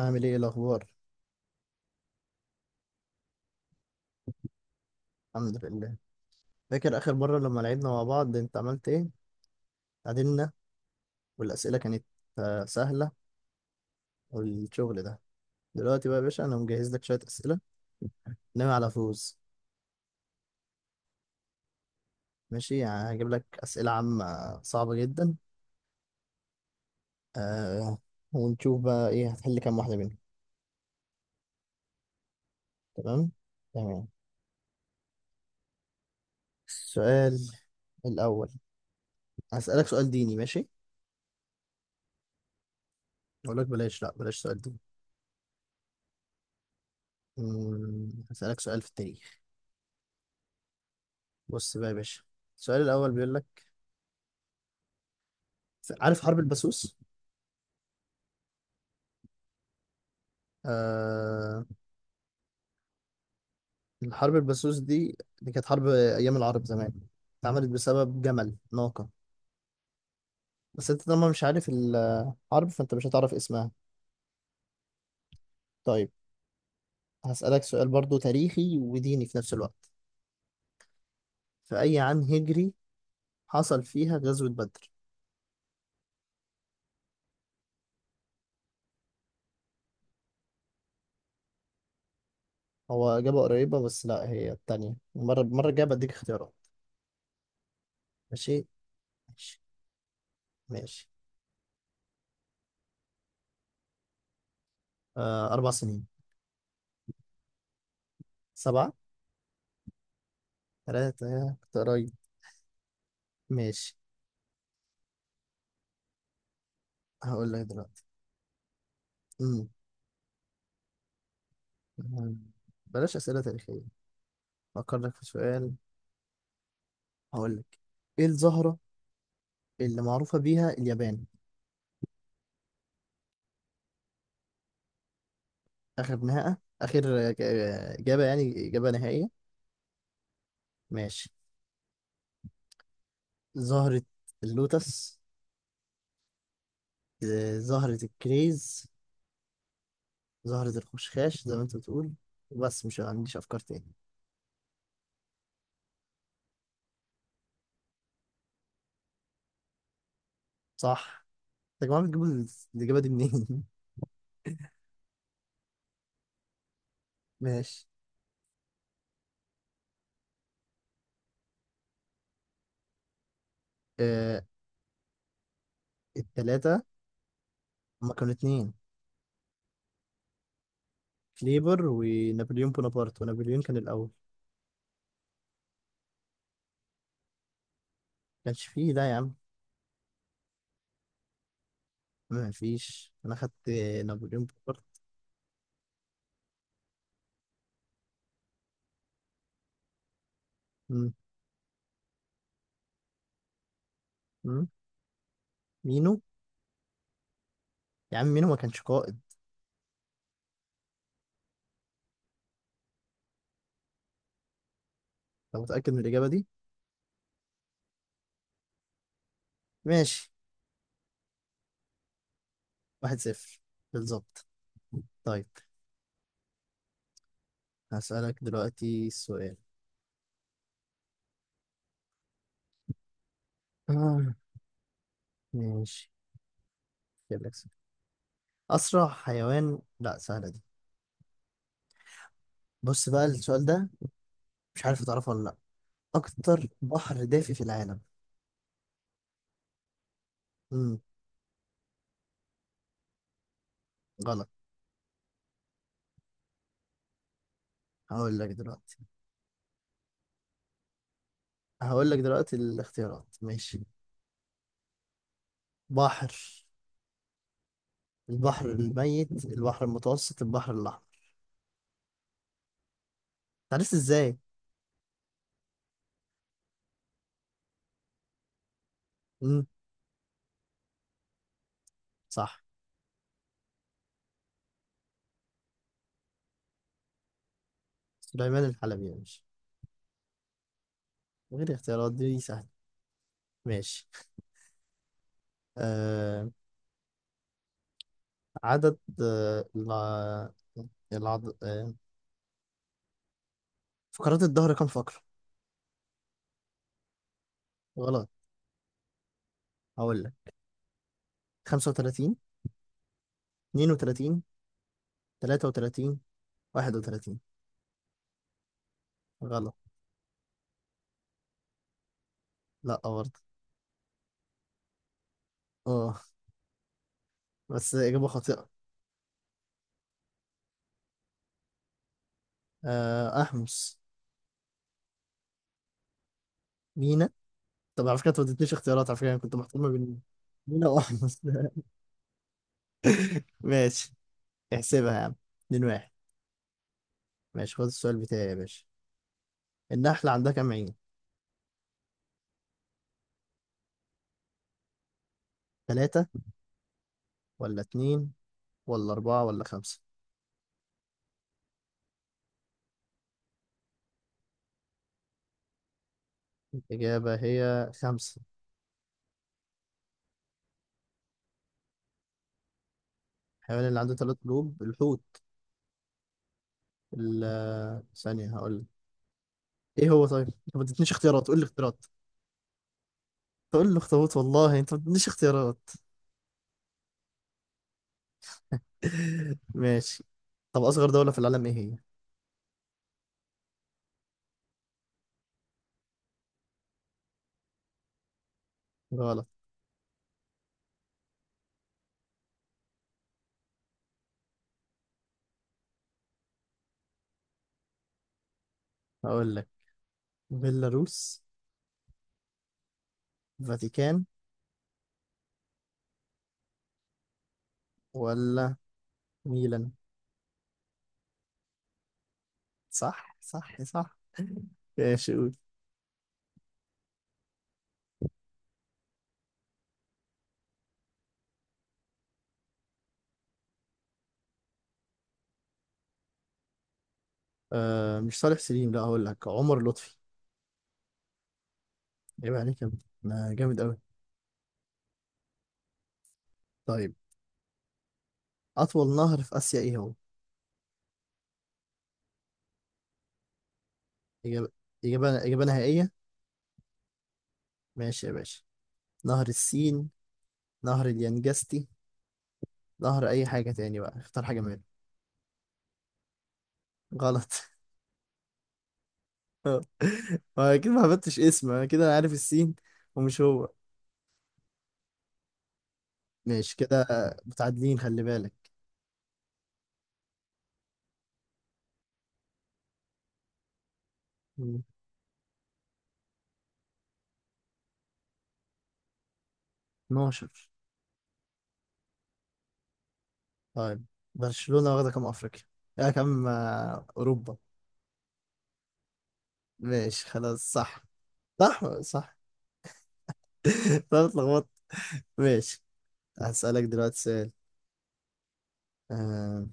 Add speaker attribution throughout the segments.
Speaker 1: عامل ايه الاخبار؟ الحمد لله. فاكر اخر مره لما لعبنا مع بعض؟ انت عملت ايه؟ تعادلنا. والاسئله كانت سهله. والشغل ده. دلوقتي بقى يا باشا، انا مجهز لك شويه اسئله. ناوي على فوز. ماشي، يعني هجيب لك اسئله عامه صعبه جدا. آه ونشوف بقى ايه هتحل كام واحده منهم. تمام. تمام. السؤال الاول. هسالك سؤال ديني، ماشي؟ اقول لك بلاش، لا بلاش سؤال ديني. هسالك سؤال في التاريخ. بص بقى يا باشا. السؤال الاول بيقول لك، عارف حرب البسوس؟ آه. الحرب البسوس دي كانت حرب أيام العرب زمان، اتعملت بسبب جمل ناقة. بس أنت طالما مش عارف الحرب، فأنت مش هتعرف اسمها. طيب، هسألك سؤال برضو تاريخي وديني في نفس الوقت. في أي عام هجري حصل فيها غزوة بدر؟ هو إجابة قريبة، بس لا، هي التانية. المرة الجاية بديك اختيارات. ماشي. ماشي. ماشي. آه، أربع سنين. سبعة. تلاتة، كنت قريب. ماشي، هقول لك دلوقتي. مم. بلاش أسئلة تاريخية، أفكر لك في سؤال. هقول لك، إيه الزهرة اللي معروفة بيها اليابان؟ آخر نهاية، آخر إجابة، يعني إجابة نهائية. ماشي، زهرة اللوتس، زهرة الكريز، زهرة الخشخاش زي ما أنت بتقول. بس مش عنديش أفكار تاني. صح. يا جماعة، بتجيبوا الإجابة دي منين؟ ماشي. آه، التلاتة. هما كانوا اتنين. كليبر ونابليون بونابرت، ونابليون كان الأول. كانش فيه ده يا عم. ما فيش، أنا خدت نابليون بونابرت. مم. مينو. يا عم مينو ما كانش قائد. انت متأكد من الإجابة دي؟ ماشي. واحد صفر، بالظبط. طيب، هسألك دلوقتي السؤال. آه. ماشي، جايب لك سؤال. أسرع حيوان، لا، سهلة دي. بص بقى السؤال ده، مش عارف تعرفه ولا لأ. أكتر بحر دافي في العالم؟ مم. غلط. هقول لك دلوقتي. هقول لك دلوقتي الاختيارات، ماشي؟ بحر، البحر الميت، البحر المتوسط، البحر الأحمر. عرفت إزاي؟ مم. صح. سليمان الحلبي يعني. من غير اختيارات، دي سهلة. ماشي. آه. عدد العض... آه فقرات الظهر كم فقرة؟ غلط، هقول لك. 35، 32، 33، 31. غلط. لا برضه. اه. بس إجابة خاطئة. آه، أحمس. مينا. طب، على فكرة أنت ما اديتنيش اختيارات، على فكرة أنا كنت محتار ما بين مينا وأحمس. ماشي. احسبها يا عم، 2-1. ماشي، خد السؤال بتاعي يا باشا. النحلة عندها كام عين؟ ثلاثة، ولا اتنين، ولا أربعة، ولا خمسة؟ الإجابة هي خمسة. الحيوان اللي عنده ثلاث قلوب، الحوت. ثانية هقول لك. إيه هو طيب؟ أنت ما ادتنيش اختيارات، قول لي اختيارات. تقول لي اخطبوط، والله أنت ما ادتنيش اختيارات. ماشي. طب أصغر دولة في العالم إيه هي؟ غلط. هقول لك، بيلاروس، فاتيكان، ولا ميلان. صح. صح. صح. ماشي، قول. آه، مش صالح سليم، لا، هقول لك عمر لطفي. يبقى عليك يا ابني. ما جامد أوي. طيب، أطول نهر في آسيا إيه هو؟ إجابة. إجابة. إجابة نهائية. ماشي يا باشا، نهر السين، نهر اليانجستي، نهر أي حاجة تاني بقى، اختار حاجة منهم. غلط. ما أكيد، ما هبتش اسم، أنا كده عارف السين ومش هو. ماشي كده. متعادلين، خلي بالك. مم. 12. طيب، برشلونة واخدة كام أفريقيا؟ يا كام أوروبا. ماشي خلاص، صح. صح. صح. طب اتلخبطت. ماشي، هسألك دلوقتي سؤال. آه،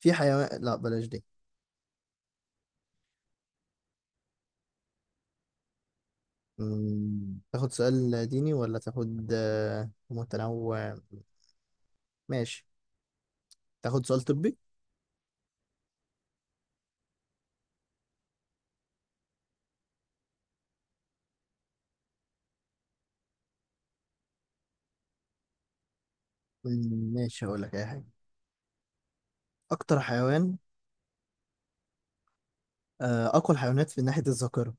Speaker 1: في حيوان، لا بلاش دي. تاخد سؤال ديني ولا تاخد متنوع؟ ماشي، تاخد سؤال طبي. ماشي، هقول لك اي حاجه. اكتر حيوان، اقوى الحيوانات في ناحيه الذاكره؟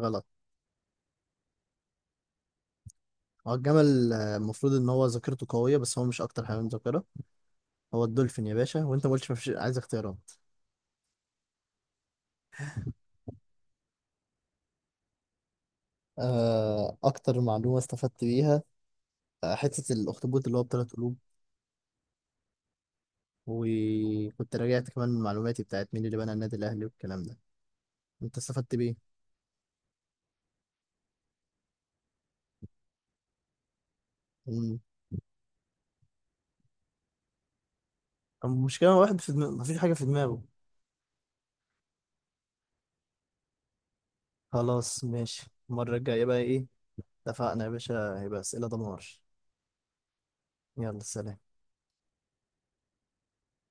Speaker 1: غلط. هو الجمل، المفروض ان هو ذاكرته قويه، بس هو مش اكتر حيوان ذاكره. هو الدولفين يا باشا، وانت ما قلتش مفيش، عايز اختيارات. اكتر معلومه استفدت بيها، حته الاخطبوط اللي هو بثلاث قلوب. وكنت راجعت كمان من معلوماتي بتاعت مين اللي بنى النادي الاهلي والكلام ده. انت استفدت بيه. المشكلة واحد في دماغه، مفيش حاجة في دماغه. خلاص ماشي. المرة الجاية بقى ايه؟ اتفقنا يا باشا، هيبقى أسئلة دمار. يلا، سلام.